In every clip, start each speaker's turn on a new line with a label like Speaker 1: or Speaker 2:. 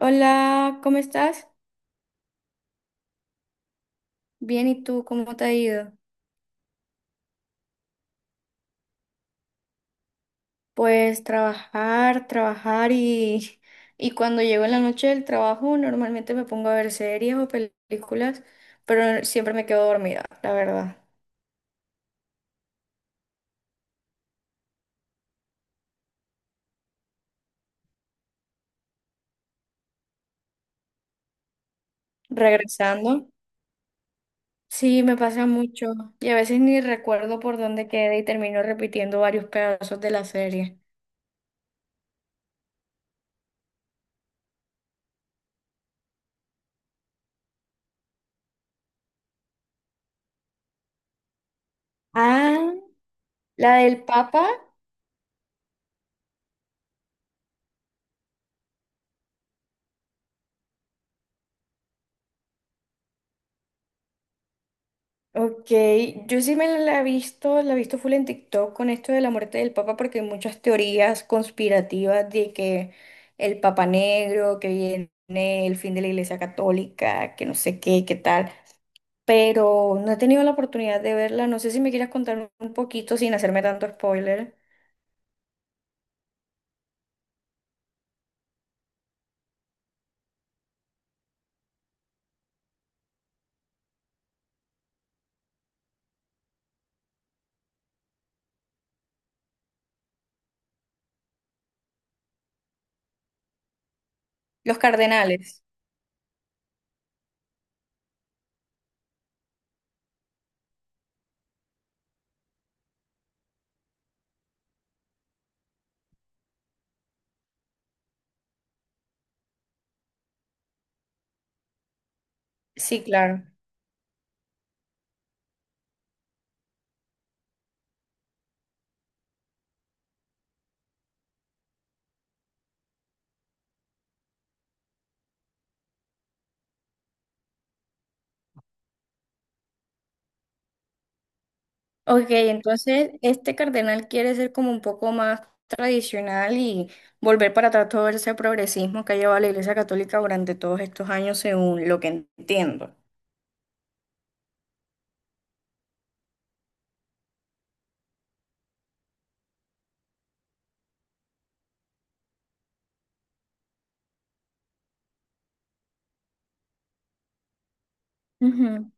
Speaker 1: Hola, ¿cómo estás? Bien, ¿y tú cómo te ha ido? Pues trabajar, trabajar y, y cuando llego en la noche del trabajo normalmente me pongo a ver series o películas, pero siempre me quedo dormida, la verdad. Regresando, sí, me pasa mucho y a veces ni recuerdo por dónde quedé y termino repitiendo varios pedazos de la serie. Ah, la del Papa. Ok, yo sí me la he visto full en TikTok con esto de la muerte del Papa porque hay muchas teorías conspirativas de que el Papa negro, que viene el fin de la Iglesia Católica, que no sé qué, qué tal, pero no he tenido la oportunidad de verla, no sé si me quieras contar un poquito sin hacerme tanto spoiler. Los cardenales, sí, claro. Ok, entonces este cardenal quiere ser como un poco más tradicional y volver para atrás todo ese progresismo que ha llevado la Iglesia Católica durante todos estos años, según lo que entiendo. Ujú.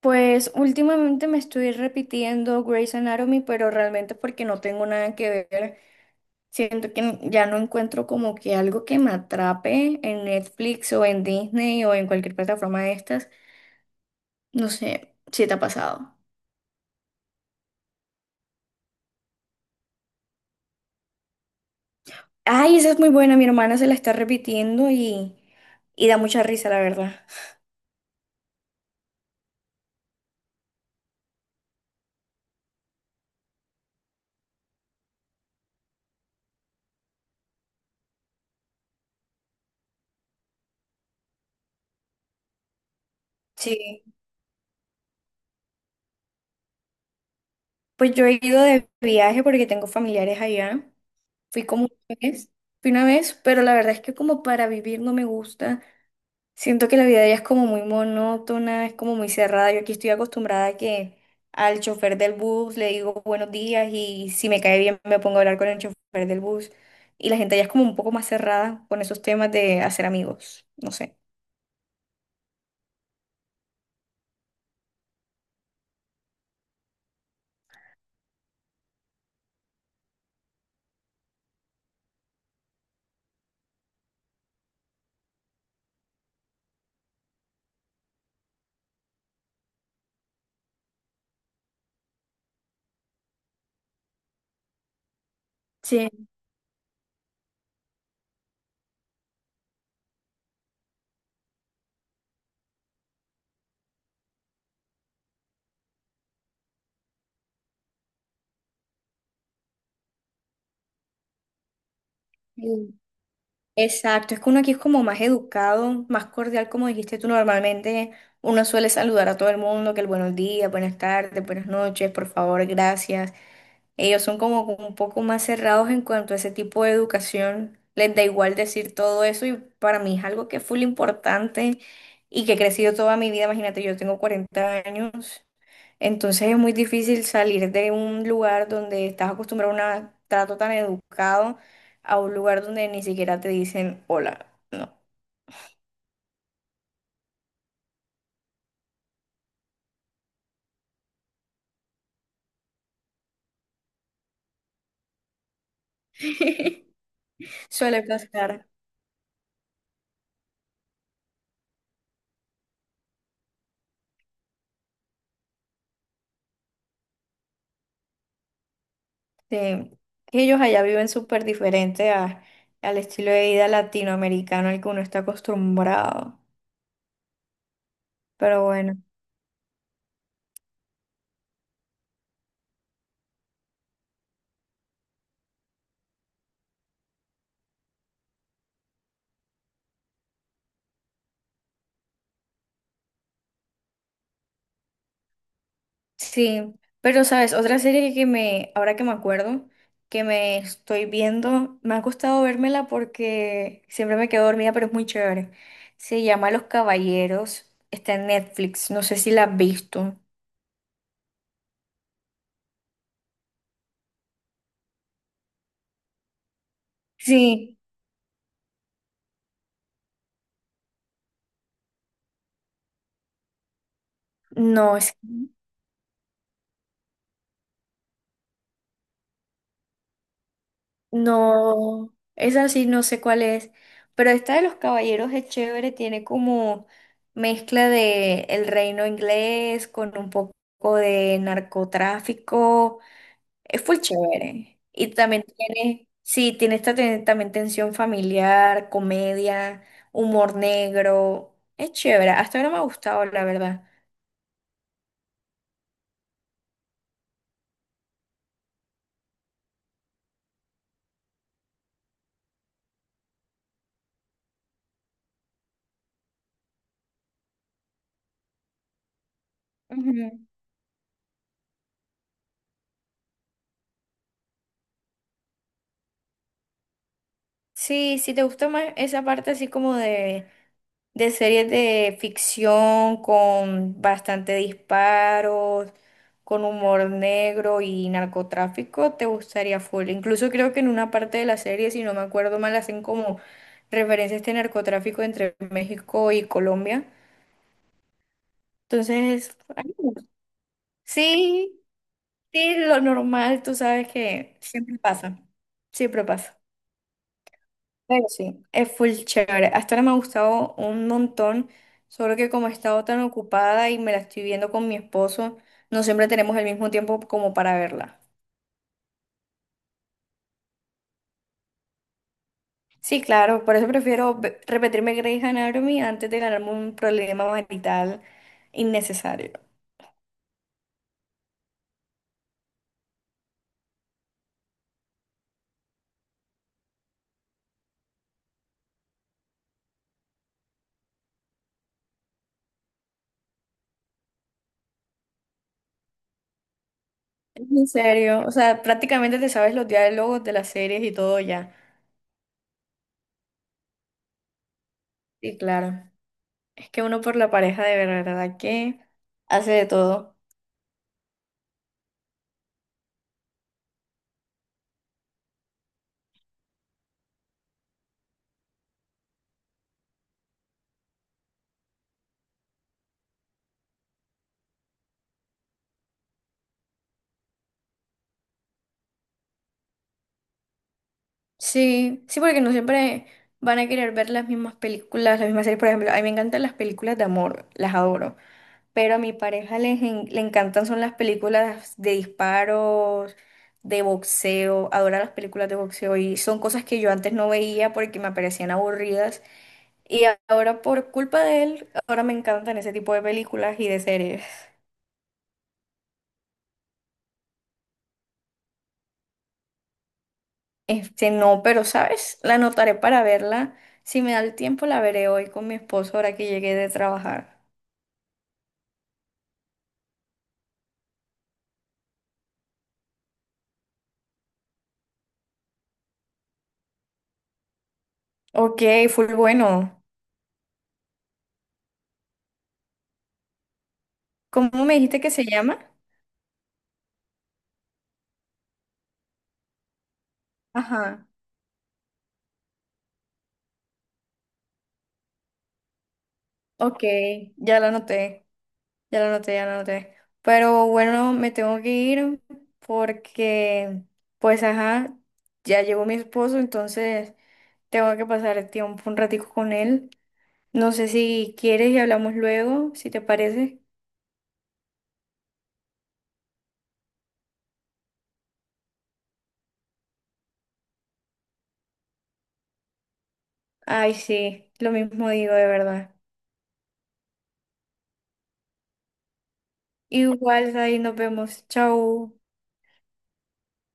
Speaker 1: Pues últimamente me estoy repitiendo Grey's Anatomy, pero realmente porque no tengo nada que ver. Siento que ya no encuentro como que algo que me atrape en Netflix o en Disney o en cualquier plataforma de estas. No sé si te ha pasado. Ay, esa es muy buena, mi hermana se la está repitiendo y da mucha risa, la verdad. Sí, pues yo he ido de viaje porque tengo familiares allá. Fui como una vez, fui una vez, pero la verdad es que como para vivir no me gusta. Siento que la vida allá es como muy monótona, es como muy cerrada. Yo aquí estoy acostumbrada a que al chofer del bus le digo buenos días y si me cae bien me pongo a hablar con el chofer del bus. Y la gente allá es como un poco más cerrada con esos temas de hacer amigos, no sé. Sí. Exacto, es que uno aquí es como más educado, más cordial, como dijiste tú normalmente. Uno suele saludar a todo el mundo, que el buenos días, buenas tardes, buenas noches, por favor, gracias. Ellos son como un poco más cerrados en cuanto a ese tipo de educación. Les da igual decir todo eso y para mí es algo que es full importante y que he crecido toda mi vida. Imagínate, yo tengo 40 años, entonces es muy difícil salir de un lugar donde estás acostumbrado a un trato tan educado a un lugar donde ni siquiera te dicen hola. No, suele pasar. Sí, que ellos allá viven súper diferente al estilo de vida latinoamericano al que uno está acostumbrado. Pero bueno, sí. Pero, ¿sabes? Otra serie que me, ahora que me acuerdo, que me estoy viendo, me ha costado vérmela porque siempre me quedo dormida, pero es muy chévere. Se llama Los Caballeros, está en Netflix, no sé si la has visto. Sí, no, es... No, esa sí no sé cuál es, pero esta de los caballeros es chévere, tiene como mezcla de el reino inglés con un poco de narcotráfico, es full chévere. Y también tiene, sí, tiene esta también tensión familiar, comedia, humor negro, es chévere, hasta ahora me ha gustado, la verdad. Ujú. Sí, si te gusta más esa parte así como de series de ficción con bastante disparos, con humor negro y narcotráfico, te gustaría full. Incluso creo que en una parte de la serie, si no me acuerdo mal, hacen como referencia a este narcotráfico entre México y Colombia. Entonces, ay, sí, sí, lo normal, tú sabes que siempre pasa, siempre pasa. Pero sí, es full chévere. Hasta ahora me ha gustado un montón, solo que como he estado tan ocupada y me la estoy viendo con mi esposo, no siempre tenemos el mismo tiempo como para verla. Sí, claro, por eso prefiero repetirme Grey's Anatomy antes de ganarme un problema marital innecesario. En serio, o sea, prácticamente te sabes los diálogos de las series y todo ya. Sí, claro. Es que uno por la pareja de verdad que hace de todo. Sí, sí, porque no siempre van a querer ver las mismas películas, las mismas series. Por ejemplo, a mí me encantan las películas de amor, las adoro. Pero a mi pareja le encantan son las películas de disparos, de boxeo, adora las películas de boxeo y son cosas que yo antes no veía porque me parecían aburridas. Y ahora por culpa de él, ahora me encantan ese tipo de películas y de series. Este, no, pero sabes, la anotaré para verla. Si me da el tiempo, la veré hoy con mi esposo ahora que llegué de trabajar. Ok, full bueno. ¿Cómo me dijiste que se llama? Ajá. Ok, ya la anoté, ya la anoté, ya la anoté. Pero bueno, me tengo que ir porque, pues, ajá, ya llegó mi esposo, entonces tengo que pasar el tiempo un ratico con él. No sé si quieres y hablamos luego, si te parece. Ay, sí, lo mismo digo de verdad. Igual, ahí nos vemos. Chau.